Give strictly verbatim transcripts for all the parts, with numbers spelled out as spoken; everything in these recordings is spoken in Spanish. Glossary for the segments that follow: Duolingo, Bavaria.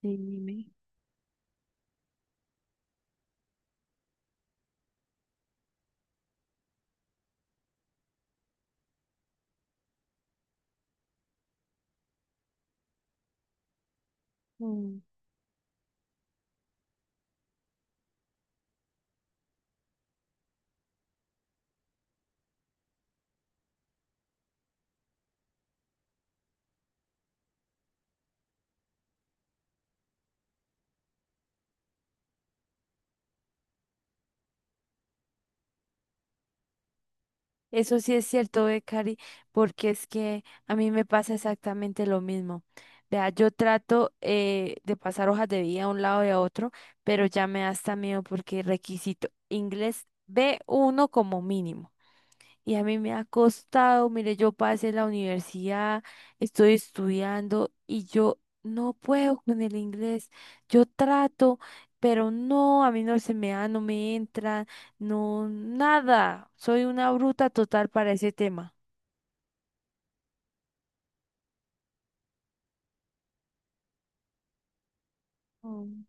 Sí, dime. Mm. Eso sí es cierto, ve, Cari, porque es que a mí me pasa exactamente lo mismo. Vea, yo trato eh, de pasar hojas de vida a un lado y a otro, pero ya me da hasta miedo porque requisito inglés b uno como mínimo. Y a mí me ha costado, mire, yo pasé la universidad, estoy estudiando y yo no puedo con el inglés. Yo trato, pero no, a mí no se me da, no me entra, no, nada. Soy una bruta total para ese tema. Mm.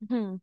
Ujú.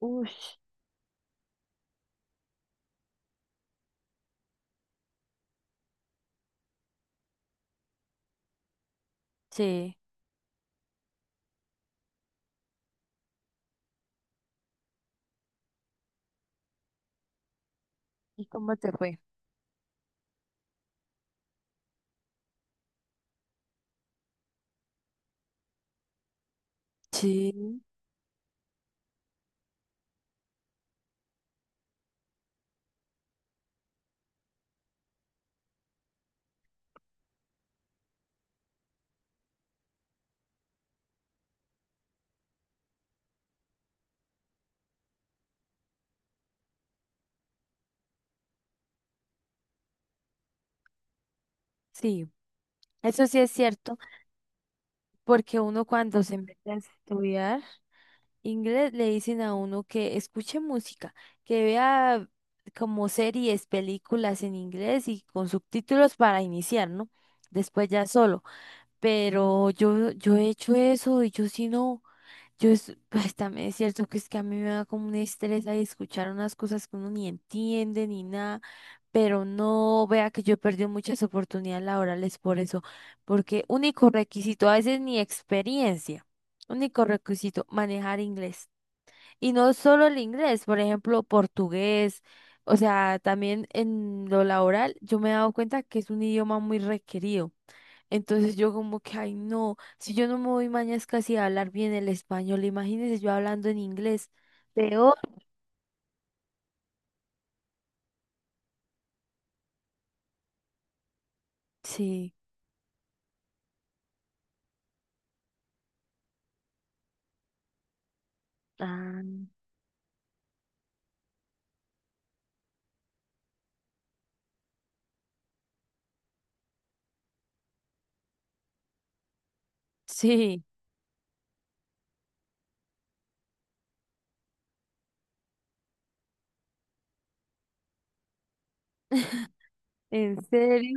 Uy, sí, ¿y cómo te fue? Sí, sí. Eso sí es cierto, porque uno cuando se mete a estudiar inglés le dicen a uno que escuche música, que vea como series, películas en inglés y con subtítulos para iniciar, ¿no? Después ya solo. Pero yo, yo he hecho eso y yo sí no, yo es, pues también es cierto que es que a mí me da como un estrés ahí escuchar unas cosas que uno ni entiende ni nada. Pero no vea que yo he perdido muchas oportunidades laborales por eso, porque único requisito, a veces ni experiencia, único requisito, manejar inglés. Y no solo el inglés, por ejemplo, portugués, o sea, también en lo laboral, yo me he dado cuenta que es un idioma muy requerido. Entonces yo como que, ay, no, si yo no me voy mañana es casi a hablar bien el español, imagínense yo hablando en inglés. Peor. Sí. Ah, sí, ¿en serio?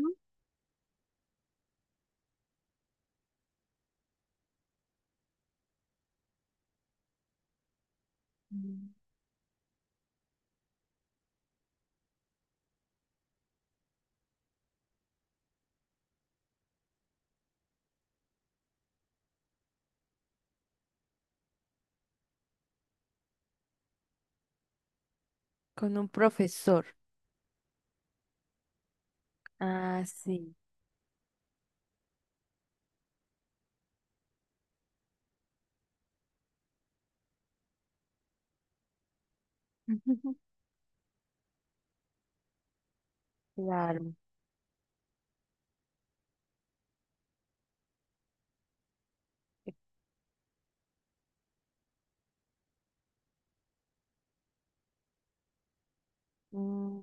Mm. Con un profesor. Ah, sí. Claro. Mm.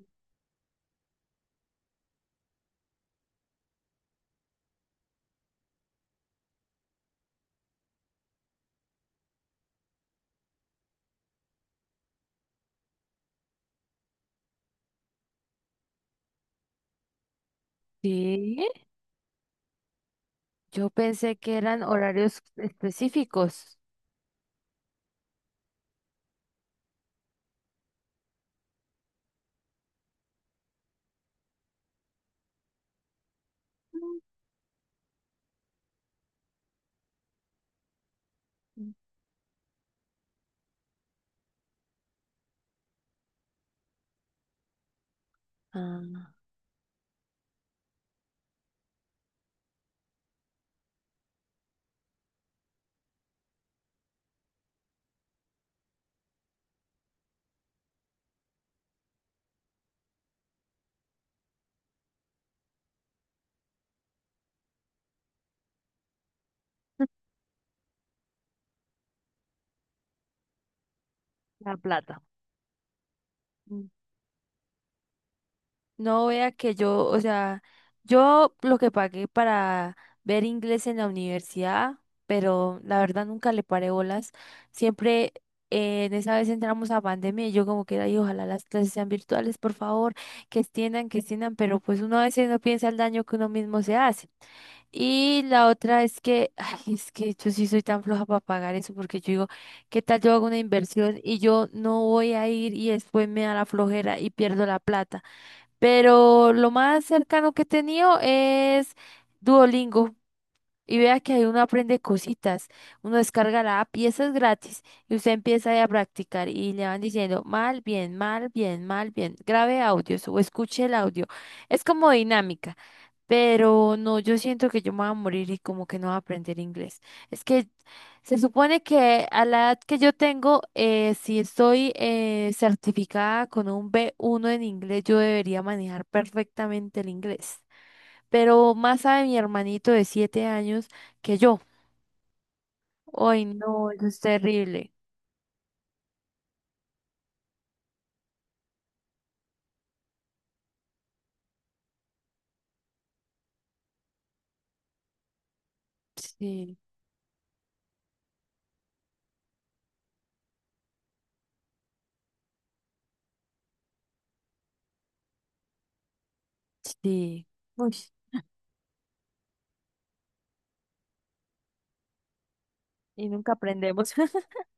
Sí, yo pensé que eran horarios específicos. Ah. La plata. Mm. No vea que yo, o sea, yo lo que pagué para ver inglés en la universidad, pero la verdad nunca le paré bolas. Siempre eh, en esa vez entramos a pandemia y yo como que ay, ojalá las clases sean virtuales, por favor, que extiendan, que extiendan, pero pues uno a veces no piensa el daño que uno mismo se hace. Y la otra es que, ay, es que yo sí soy tan floja para pagar eso, porque yo digo, ¿qué tal yo hago una inversión y yo no voy a ir y después me da la flojera y pierdo la plata? Pero lo más cercano que he tenido es Duolingo. Y vea que ahí uno aprende cositas, uno descarga la app y esa es gratis y usted empieza ahí a practicar y le van diciendo mal, bien, mal, bien, mal, bien, grabe audios o escuche el audio. Es como dinámica, pero no, yo siento que yo me voy a morir y como que no voy a aprender inglés. Es que se supone que a la edad que yo tengo, eh, si estoy eh, certificada con un B uno en inglés, yo debería manejar perfectamente el inglés, pero más sabe mi hermanito de siete años que yo. Ay, no, eso es terrible. Sí, sí. Uy, y nunca aprendemos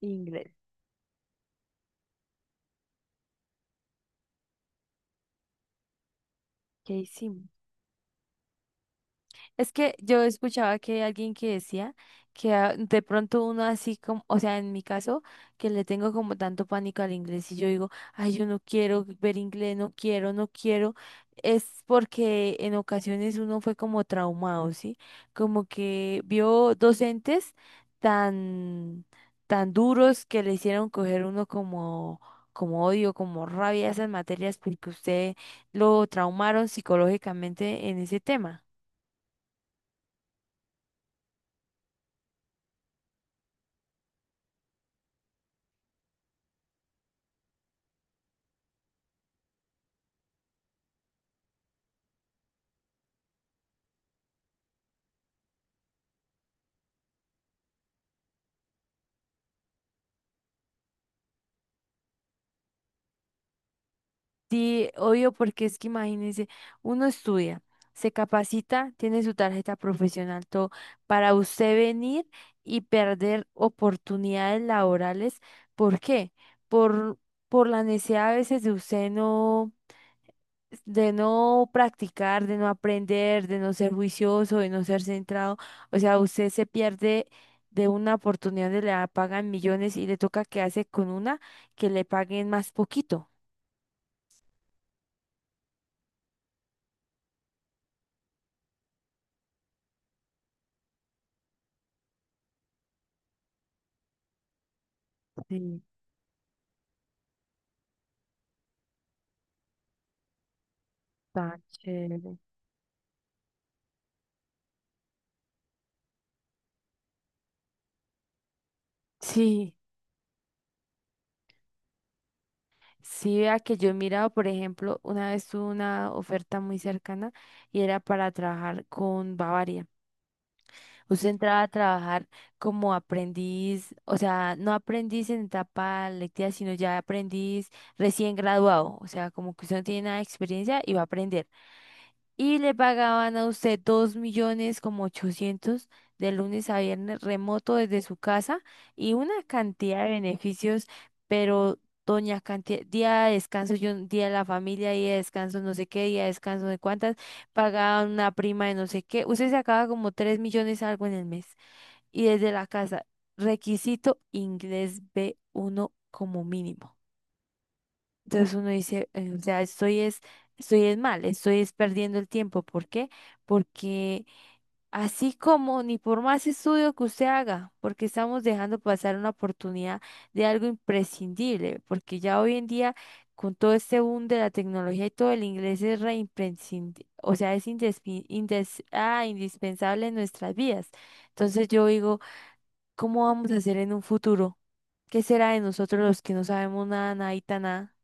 inglés. ¿Qué hicimos? Es que yo escuchaba que hay alguien que decía que ah, de pronto uno así como, o sea, en mi caso, que le tengo como tanto pánico al inglés y yo digo, ay, yo no quiero ver inglés, no quiero, no quiero, es porque en ocasiones uno fue como traumado, ¿sí? Como que vio docentes tan, tan duros que le hicieron coger uno como... como odio, como rabia a esas materias porque usted lo traumaron psicológicamente en ese tema. Sí, obvio, porque es que imagínense, uno estudia, se capacita, tiene su tarjeta profesional, todo, para usted venir y perder oportunidades laborales. ¿Por qué? Por, por la necesidad a veces de usted no, de no practicar, de no aprender, de no ser juicioso, de no ser centrado. O sea, usted se pierde de una oportunidad donde le pagan millones y le toca quedarse con una que le paguen más poquito. Sí, tan chévere. Sí, sí, vea que yo he mirado, por ejemplo, una vez tuve una oferta muy cercana y era para trabajar con Bavaria. Usted entraba a trabajar como aprendiz, o sea, no aprendiz en etapa lectiva, sino ya aprendiz recién graduado, o sea, como que usted no tiene nada de experiencia y va a aprender. Y le pagaban a usted dos millones como ochocientos de lunes a viernes remoto desde su casa y una cantidad de beneficios, pero doña cantidad, día de descanso, yo, día de la familia, día de descanso, no sé qué, día de descanso de cuántas, pagaban una prima de no sé qué, usted sacaba como tres millones algo en el mes y desde la casa, requisito inglés b uno como mínimo. Entonces uno dice, eh, o sea, estoy es, estoy es mal, estoy es perdiendo el tiempo. ¿Por qué? Porque así como ni por más estudio que usted haga, porque estamos dejando pasar una oportunidad de algo imprescindible, porque ya hoy en día con todo este boom de la tecnología y todo el inglés es re imprescindi- o sea, es indespi- indes- ah, indispensable en nuestras vidas. Entonces yo digo, ¿cómo vamos a hacer en un futuro? ¿Qué será de nosotros los que no sabemos nada, nada y tan nada?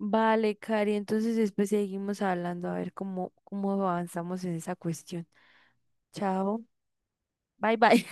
Vale, Cari, entonces después seguimos hablando a ver cómo, cómo avanzamos en esa cuestión. Chao, bye bye.